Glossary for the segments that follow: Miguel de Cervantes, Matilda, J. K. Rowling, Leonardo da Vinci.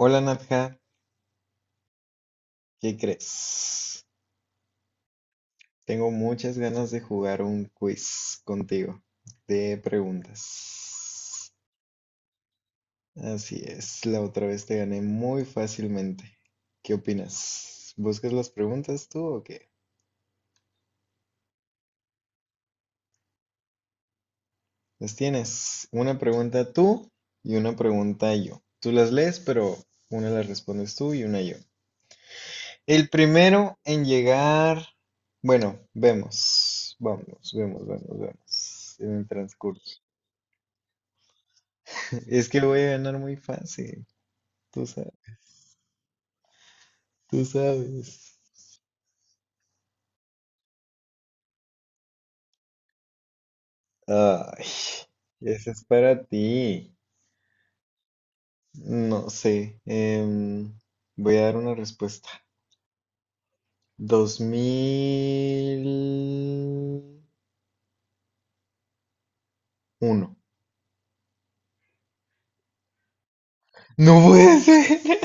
Hola Nadja, ¿qué crees? Tengo muchas ganas de jugar un quiz contigo de preguntas. Así es, la otra vez te gané muy fácilmente. ¿Qué opinas? ¿Buscas las preguntas tú o qué? Las tienes. Una pregunta tú y una pregunta yo. Tú las lees, pero una la respondes tú y una yo. El primero en llegar... Bueno, vemos. Vamos, vemos, vemos, vemos. En el transcurso. Es que voy a ganar muy fácil, tú sabes, tú sabes. Ay, ese es para ti. No sé, voy a dar una respuesta. 2001. No puede ser.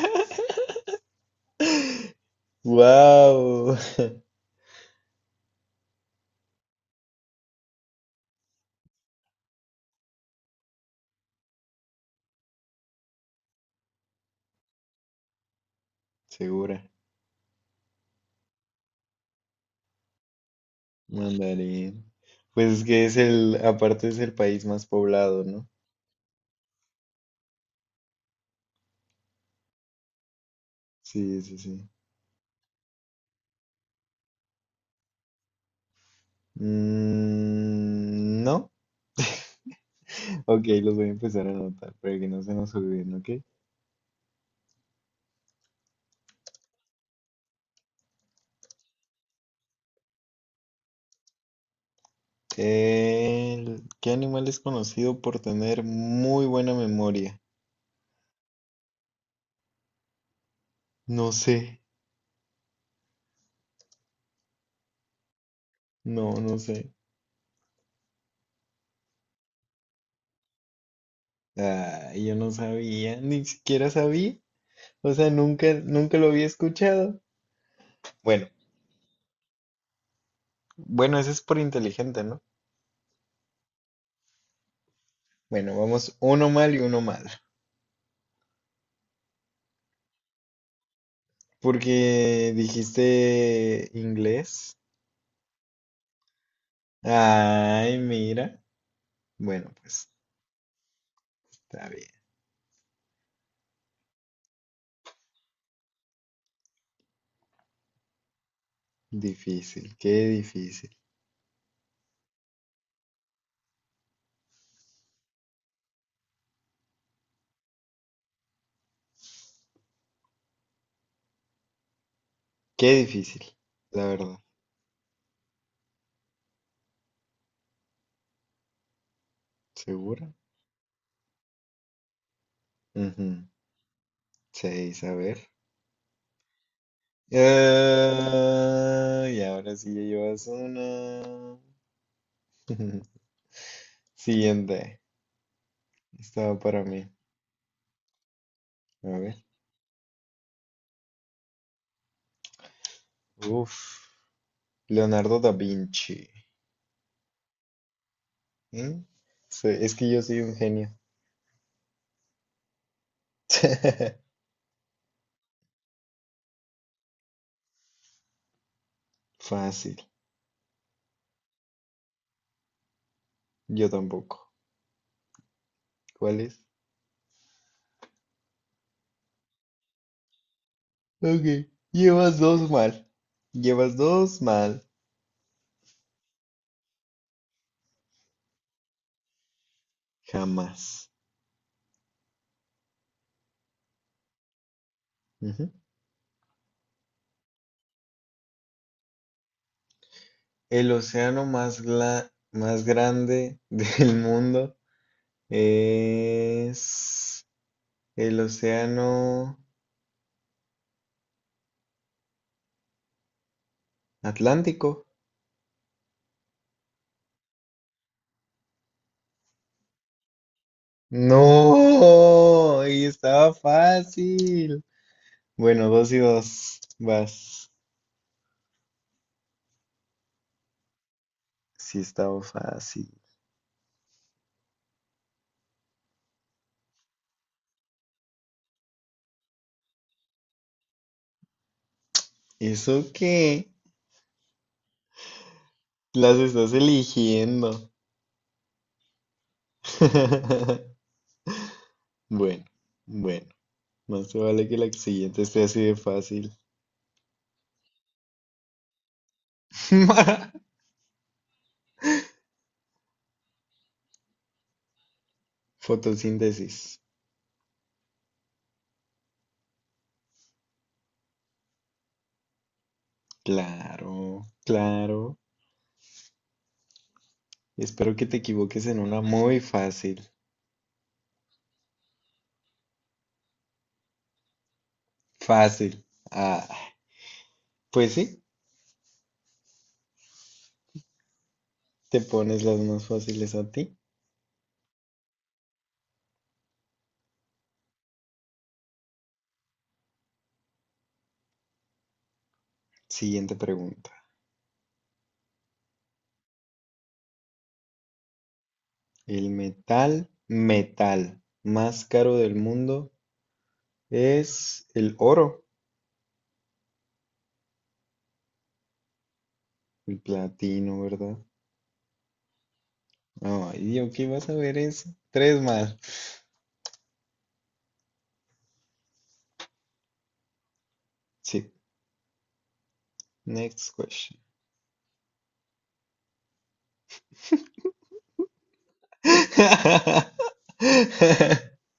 Wow. Segura. Mandarín. Pues es que es el, aparte es el país más poblado, ¿no? Sí, sí, sí. Mm, no. Ok, los voy a empezar a anotar para que no se nos olviden, ¿ok? ¿Qué animal es conocido por tener muy buena memoria? No sé, no, no sé. Ah, yo no sabía, ni siquiera sabía. O sea, nunca, nunca lo había escuchado. Bueno, bueno, ese es por inteligente, ¿no? Bueno, vamos uno mal y uno mal. Porque dijiste inglés. Ay, mira. Bueno, pues está bien. Difícil, qué difícil. Qué difícil, la verdad. ¿Segura? Ujú. Seis, a ver. Ah, y ahora sí ya llevas una. Siguiente. Estaba para mí. A ver. Uf. Leonardo da Vinci. ¿Mm? Sí, es que yo soy un genio. Fácil. Yo tampoco. ¿Cuál es? Ok. Llevas dos mal. Llevas dos mal. Jamás. El océano más, más grande del mundo es el océano Atlántico. No, y estaba fácil. Bueno, dos y dos. Vas. Sí, estaba fácil. ¿Eso qué? Las estás eligiendo. Bueno, bueno. Más te vale que la siguiente esté así de fácil. Fotosíntesis. Claro, claro. Espero que te equivoques en una muy fácil. Fácil. Ah, pues sí, te pones las más fáciles a ti. Siguiente pregunta. El metal más caro del mundo es el oro, el platino, ¿verdad? Ay, yo qué vas a ver eso. Tres más. Sí, next question.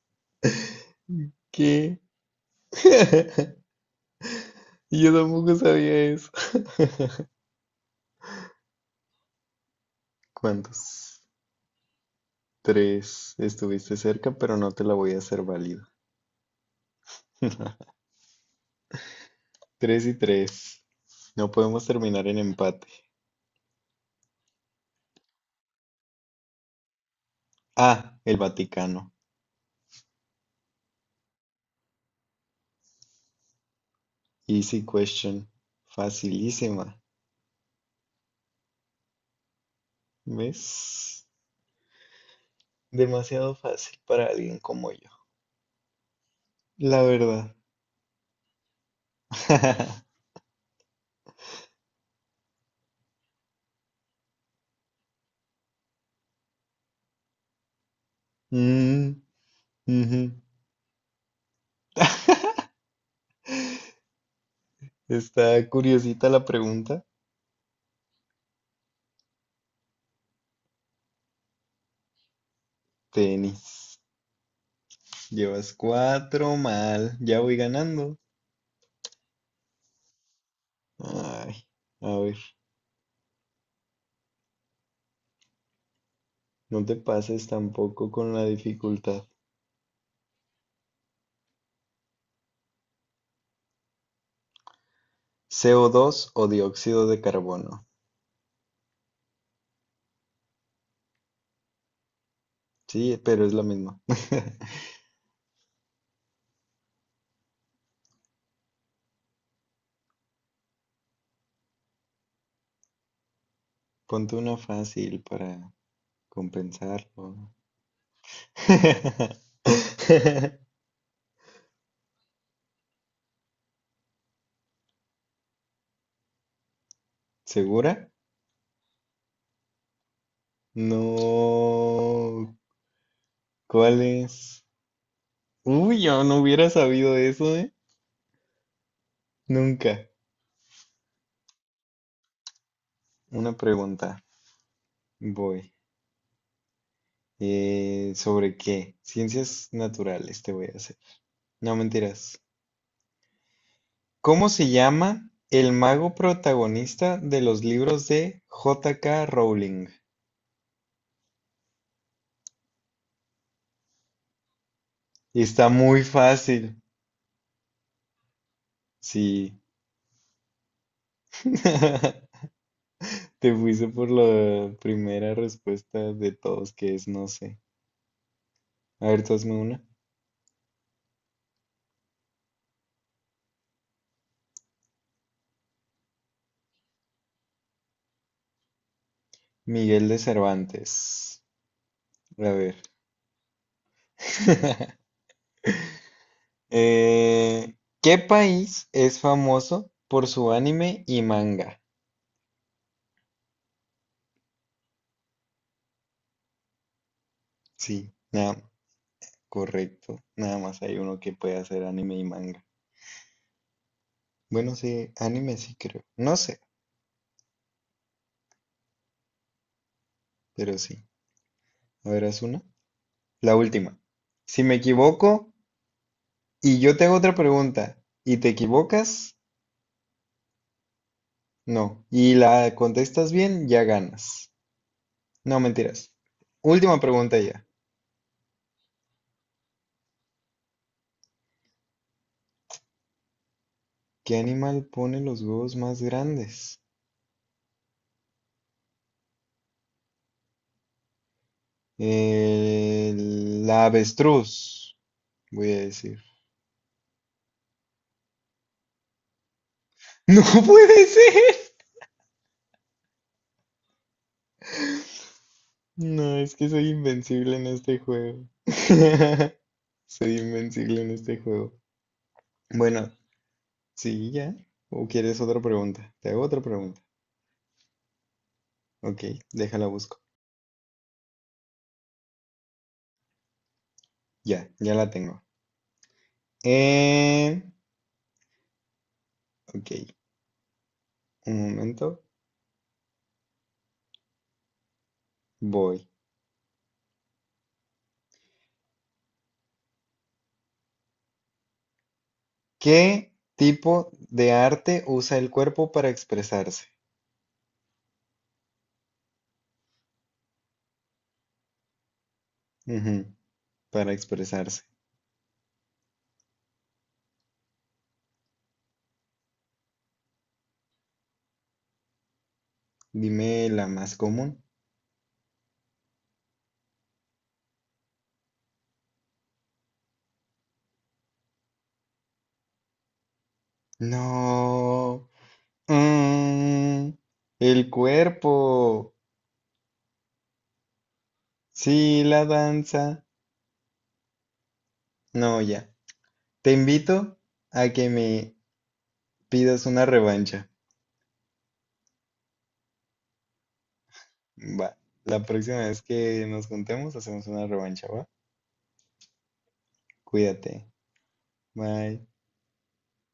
¿Qué? Yo tampoco sabía eso. ¿Cuántos? Tres. Estuviste cerca, pero no te la voy a hacer válida. Tres y tres. No podemos terminar en empate. Ah, el Vaticano. Easy question. Facilísima. ¿Ves? Demasiado fácil para alguien como yo. La verdad. Mm, ujú. Está curiosita la pregunta. Tenis. Llevas cuatro mal. Ya voy ganando. Ay, a ver. No te pases tampoco con la dificultad. CO2 o dos o dióxido de carbono. Sí, pero es la misma. Ponte una fácil para compensarlo. ¿Segura? No. ¿Cuál es? Uy, yo no hubiera sabido eso, ¿eh? Nunca. Una pregunta. Voy. ¿Sobre qué? Ciencias naturales te voy a hacer. No, mentiras. ¿Cómo se llama el mago protagonista de los libros de J. K. Rowling? Y está muy fácil. Sí. Te fuiste por la primera respuesta de todos, que es no sé. A ver, tú hazme una. Miguel de Cervantes. A ver. Eh, ¿qué país es famoso por su anime y manga? Sí, nada, correcto. Nada más hay uno que puede hacer anime y manga. Bueno, sí, anime sí creo. No sé, pero sí. A ver, haz una. La última. Si me equivoco y yo te hago otra pregunta y te equivocas, no. Y la contestas bien, ya ganas. No, mentiras. Última pregunta ya. ¿Qué animal pone los huevos más grandes? La avestruz, voy a decir. ¡No puede ser! No, es que soy invencible en este juego. Soy invencible en este juego. Bueno, sí, ya. ¿O quieres otra pregunta? Te hago otra pregunta. Ok, déjala busco. Ya, ya la tengo. Eh, ok, un momento. Voy. ¿Qué tipo de arte usa el cuerpo para expresarse? Ujú, para expresarse. Dime la más común. No. Mm, el cuerpo. Sí, la danza. No, ya. Te invito a que me pidas una revancha. Va. La próxima vez que nos juntemos hacemos una revancha, ¿va? Cuídate. Bye.